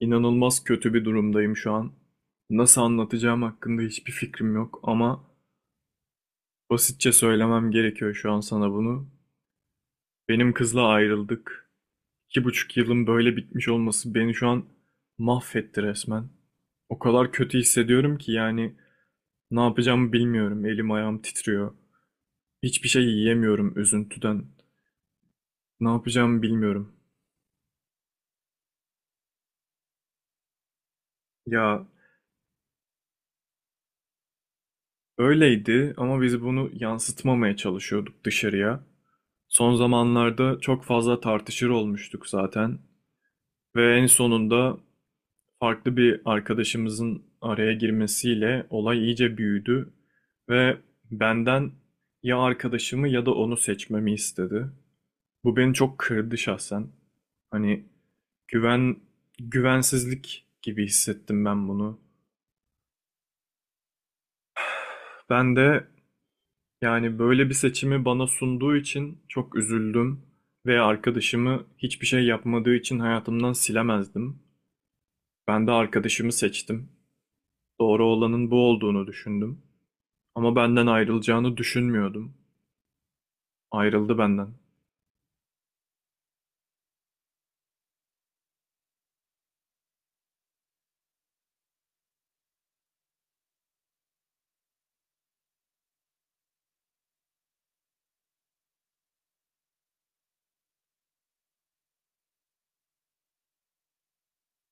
İnanılmaz kötü bir durumdayım şu an. Nasıl anlatacağım hakkında hiçbir fikrim yok ama basitçe söylemem gerekiyor şu an sana bunu. Benim kızla ayrıldık. İki buçuk yılın böyle bitmiş olması beni şu an mahvetti resmen. O kadar kötü hissediyorum ki yani ne yapacağımı bilmiyorum. Elim ayağım titriyor. Hiçbir şey yiyemiyorum üzüntüden. Ne yapacağımı bilmiyorum. Ya, öyleydi ama biz bunu yansıtmamaya çalışıyorduk dışarıya. Son zamanlarda çok fazla tartışır olmuştuk zaten ve en sonunda farklı bir arkadaşımızın araya girmesiyle olay iyice büyüdü ve benden ya arkadaşımı ya da onu seçmemi istedi. Bu beni çok kırdı şahsen. Hani güven güvensizlik gibi hissettim ben bunu. Ben de Yani böyle bir seçimi bana sunduğu için çok üzüldüm ve arkadaşımı hiçbir şey yapmadığı için hayatımdan silemezdim. Ben de arkadaşımı seçtim. Doğru olanın bu olduğunu düşündüm. Ama benden ayrılacağını düşünmüyordum. Ayrıldı benden.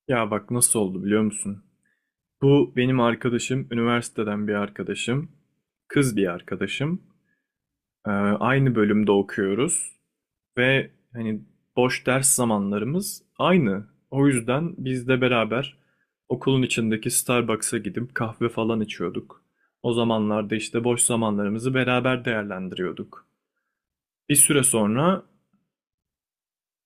Ya bak nasıl oldu biliyor musun? Bu benim arkadaşım, üniversiteden bir arkadaşım, kız bir arkadaşım. Ee, aynı bölümde okuyoruz. Ve hani boş ders zamanlarımız aynı. O yüzden biz de beraber okulun içindeki Starbucks'a gidip kahve falan içiyorduk. O zamanlarda işte boş zamanlarımızı beraber değerlendiriyorduk. Bir süre sonra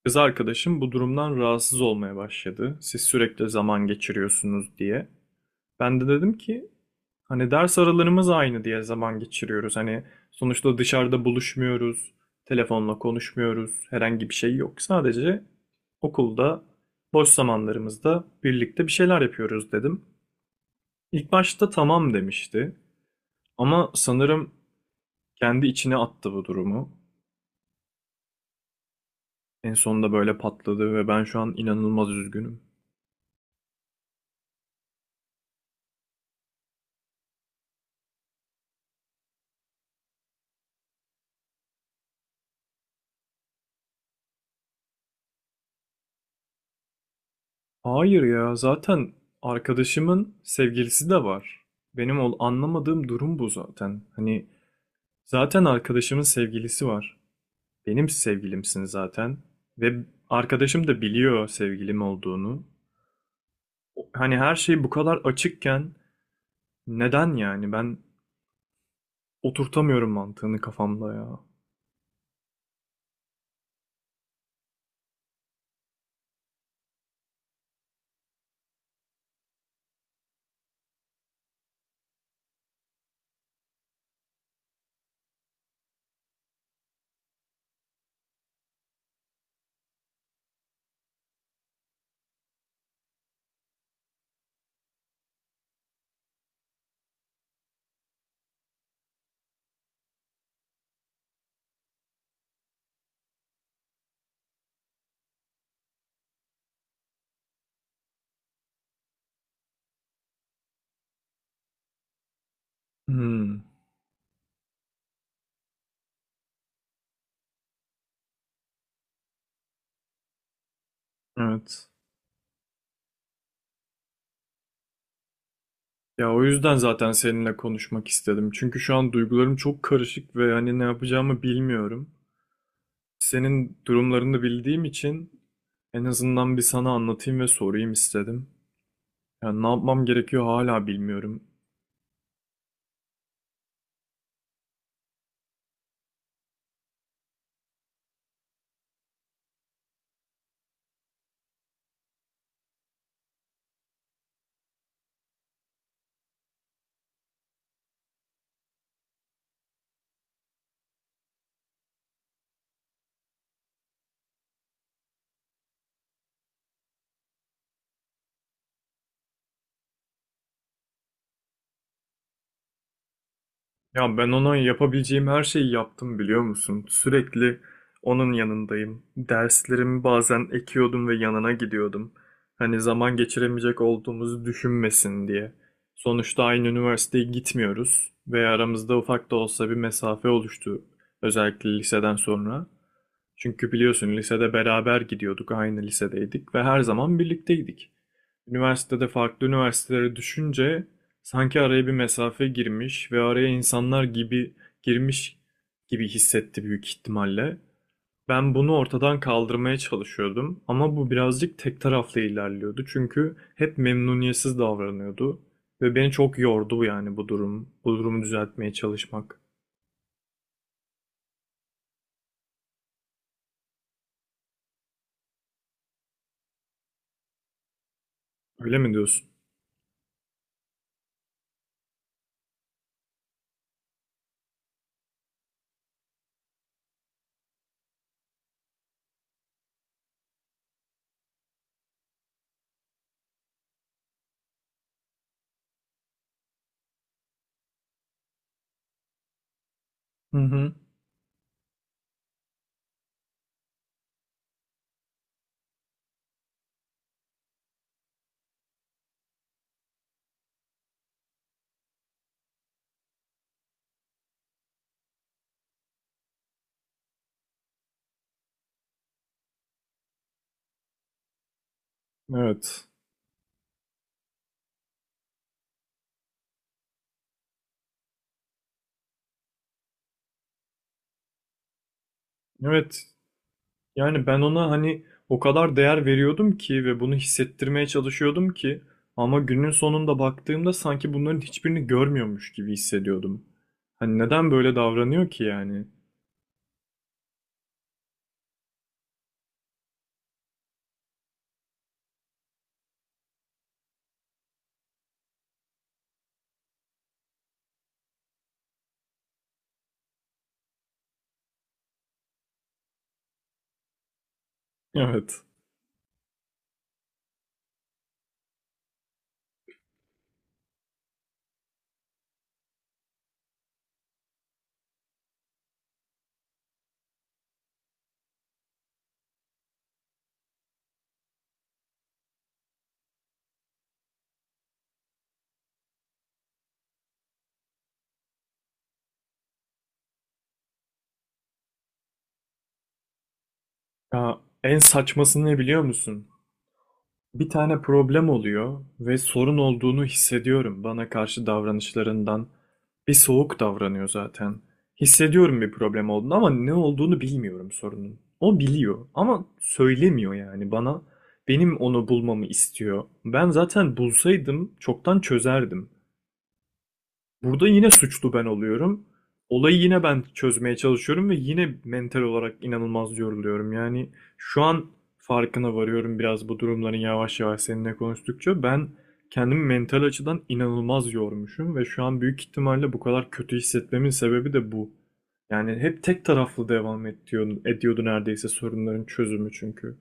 kız arkadaşım bu durumdan rahatsız olmaya başladı. Siz sürekli zaman geçiriyorsunuz diye. Ben de dedim ki hani ders aralarımız aynı diye zaman geçiriyoruz. Hani sonuçta dışarıda buluşmuyoruz, telefonla konuşmuyoruz, herhangi bir şey yok. Sadece okulda boş zamanlarımızda birlikte bir şeyler yapıyoruz dedim. İlk başta tamam demişti ama sanırım kendi içine attı bu durumu. En sonunda böyle patladı ve ben şu an inanılmaz üzgünüm. Hayır ya, zaten arkadaşımın sevgilisi de var. Benim ol anlamadığım durum bu zaten. Hani zaten arkadaşımın sevgilisi var. Benim sevgilimsin zaten. Ve arkadaşım da biliyor sevgilim olduğunu. Hani her şey bu kadar açıkken neden yani? Ben oturtamıyorum mantığını kafamda ya. Hmm, evet. Ya o yüzden zaten seninle konuşmak istedim. Çünkü şu an duygularım çok karışık ve hani ne yapacağımı bilmiyorum. Senin durumlarını bildiğim için en azından bir sana anlatayım ve sorayım istedim. Yani ne yapmam gerekiyor hala bilmiyorum. Ya ben ona yapabileceğim her şeyi yaptım biliyor musun? Sürekli onun yanındayım. Derslerimi bazen ekiyordum ve yanına gidiyordum. Hani zaman geçiremeyecek olduğumuzu düşünmesin diye. Sonuçta aynı üniversiteye gitmiyoruz ve aramızda ufak da olsa bir mesafe oluştu. Özellikle liseden sonra. Çünkü biliyorsun lisede beraber gidiyorduk, aynı lisedeydik ve her zaman birlikteydik. Üniversitede farklı üniversitelere düşünce sanki araya bir mesafe girmiş ve araya insanlar gibi girmiş gibi hissetti büyük ihtimalle. Ben bunu ortadan kaldırmaya çalışıyordum ama bu birazcık tek taraflı ilerliyordu çünkü hep memnuniyetsiz davranıyordu ve beni çok yordu yani bu durumu düzeltmeye çalışmak. Öyle mi diyorsun? Hı hı. Evet. Evet. Yani ben ona hani o kadar değer veriyordum ki ve bunu hissettirmeye çalışıyordum ki ama günün sonunda baktığımda sanki bunların hiçbirini görmüyormuş gibi hissediyordum. Hani neden böyle davranıyor ki yani? Evet. Ya en saçmasını ne biliyor musun? Bir tane problem oluyor ve sorun olduğunu hissediyorum. Bana karşı davranışlarından bir soğuk davranıyor zaten. Hissediyorum bir problem olduğunu ama ne olduğunu bilmiyorum sorunun. O biliyor ama söylemiyor yani bana. Benim onu bulmamı istiyor. Ben zaten bulsaydım çoktan çözerdim. Burada yine suçlu ben oluyorum. Olayı yine ben çözmeye çalışıyorum ve yine mental olarak inanılmaz yoruluyorum. Yani şu an farkına varıyorum biraz bu durumların yavaş yavaş seninle konuştukça. Ben kendimi mental açıdan inanılmaz yormuşum ve şu an büyük ihtimalle bu kadar kötü hissetmemin sebebi de bu. Yani hep tek taraflı devam ediyordu, ediyordu neredeyse sorunların çözümü çünkü.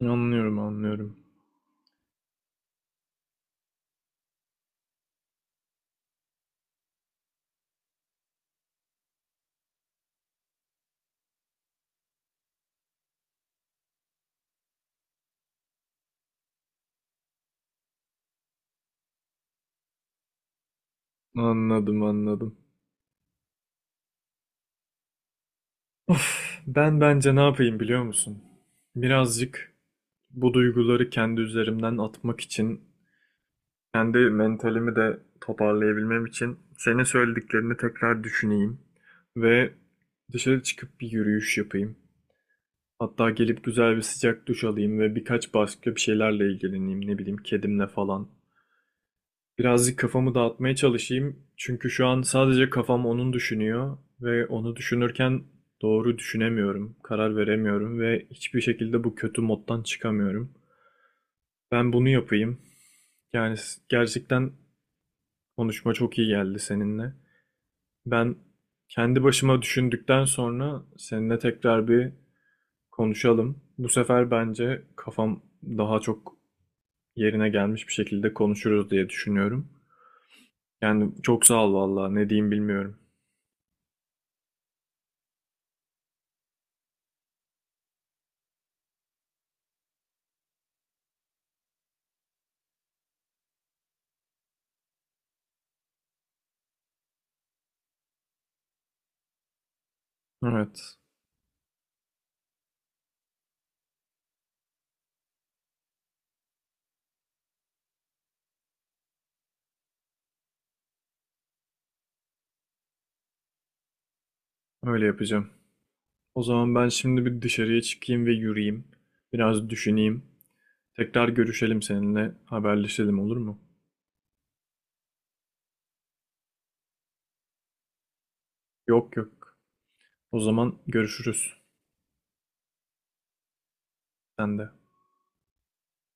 Anlıyorum, anlıyorum. Anladım, anladım. Of, ben bence ne yapayım biliyor musun? Birazcık Bu duyguları kendi üzerimden atmak için, kendi mentalimi de toparlayabilmem için senin söylediklerini tekrar düşüneyim ve dışarı çıkıp bir yürüyüş yapayım. Hatta gelip güzel bir sıcak duş alayım ve birkaç başka bir şeylerle ilgileneyim, ne bileyim kedimle falan. Birazcık kafamı dağıtmaya çalışayım çünkü şu an sadece kafam onun düşünüyor ve onu düşünürken doğru düşünemiyorum, karar veremiyorum ve hiçbir şekilde bu kötü moddan çıkamıyorum. Ben bunu yapayım. Gerçekten konuşma çok iyi geldi seninle. Ben kendi başıma düşündükten sonra seninle tekrar bir konuşalım. Bu sefer bence kafam daha çok yerine gelmiş bir şekilde konuşuruz diye düşünüyorum. Yani çok sağ ol vallahi ne diyeyim bilmiyorum. Evet, öyle yapacağım. O zaman ben şimdi bir dışarıya çıkayım ve yürüyeyim. Biraz düşüneyim. Tekrar görüşelim seninle, haberleşelim olur mu? Yok yok. O zaman görüşürüz. Sen de.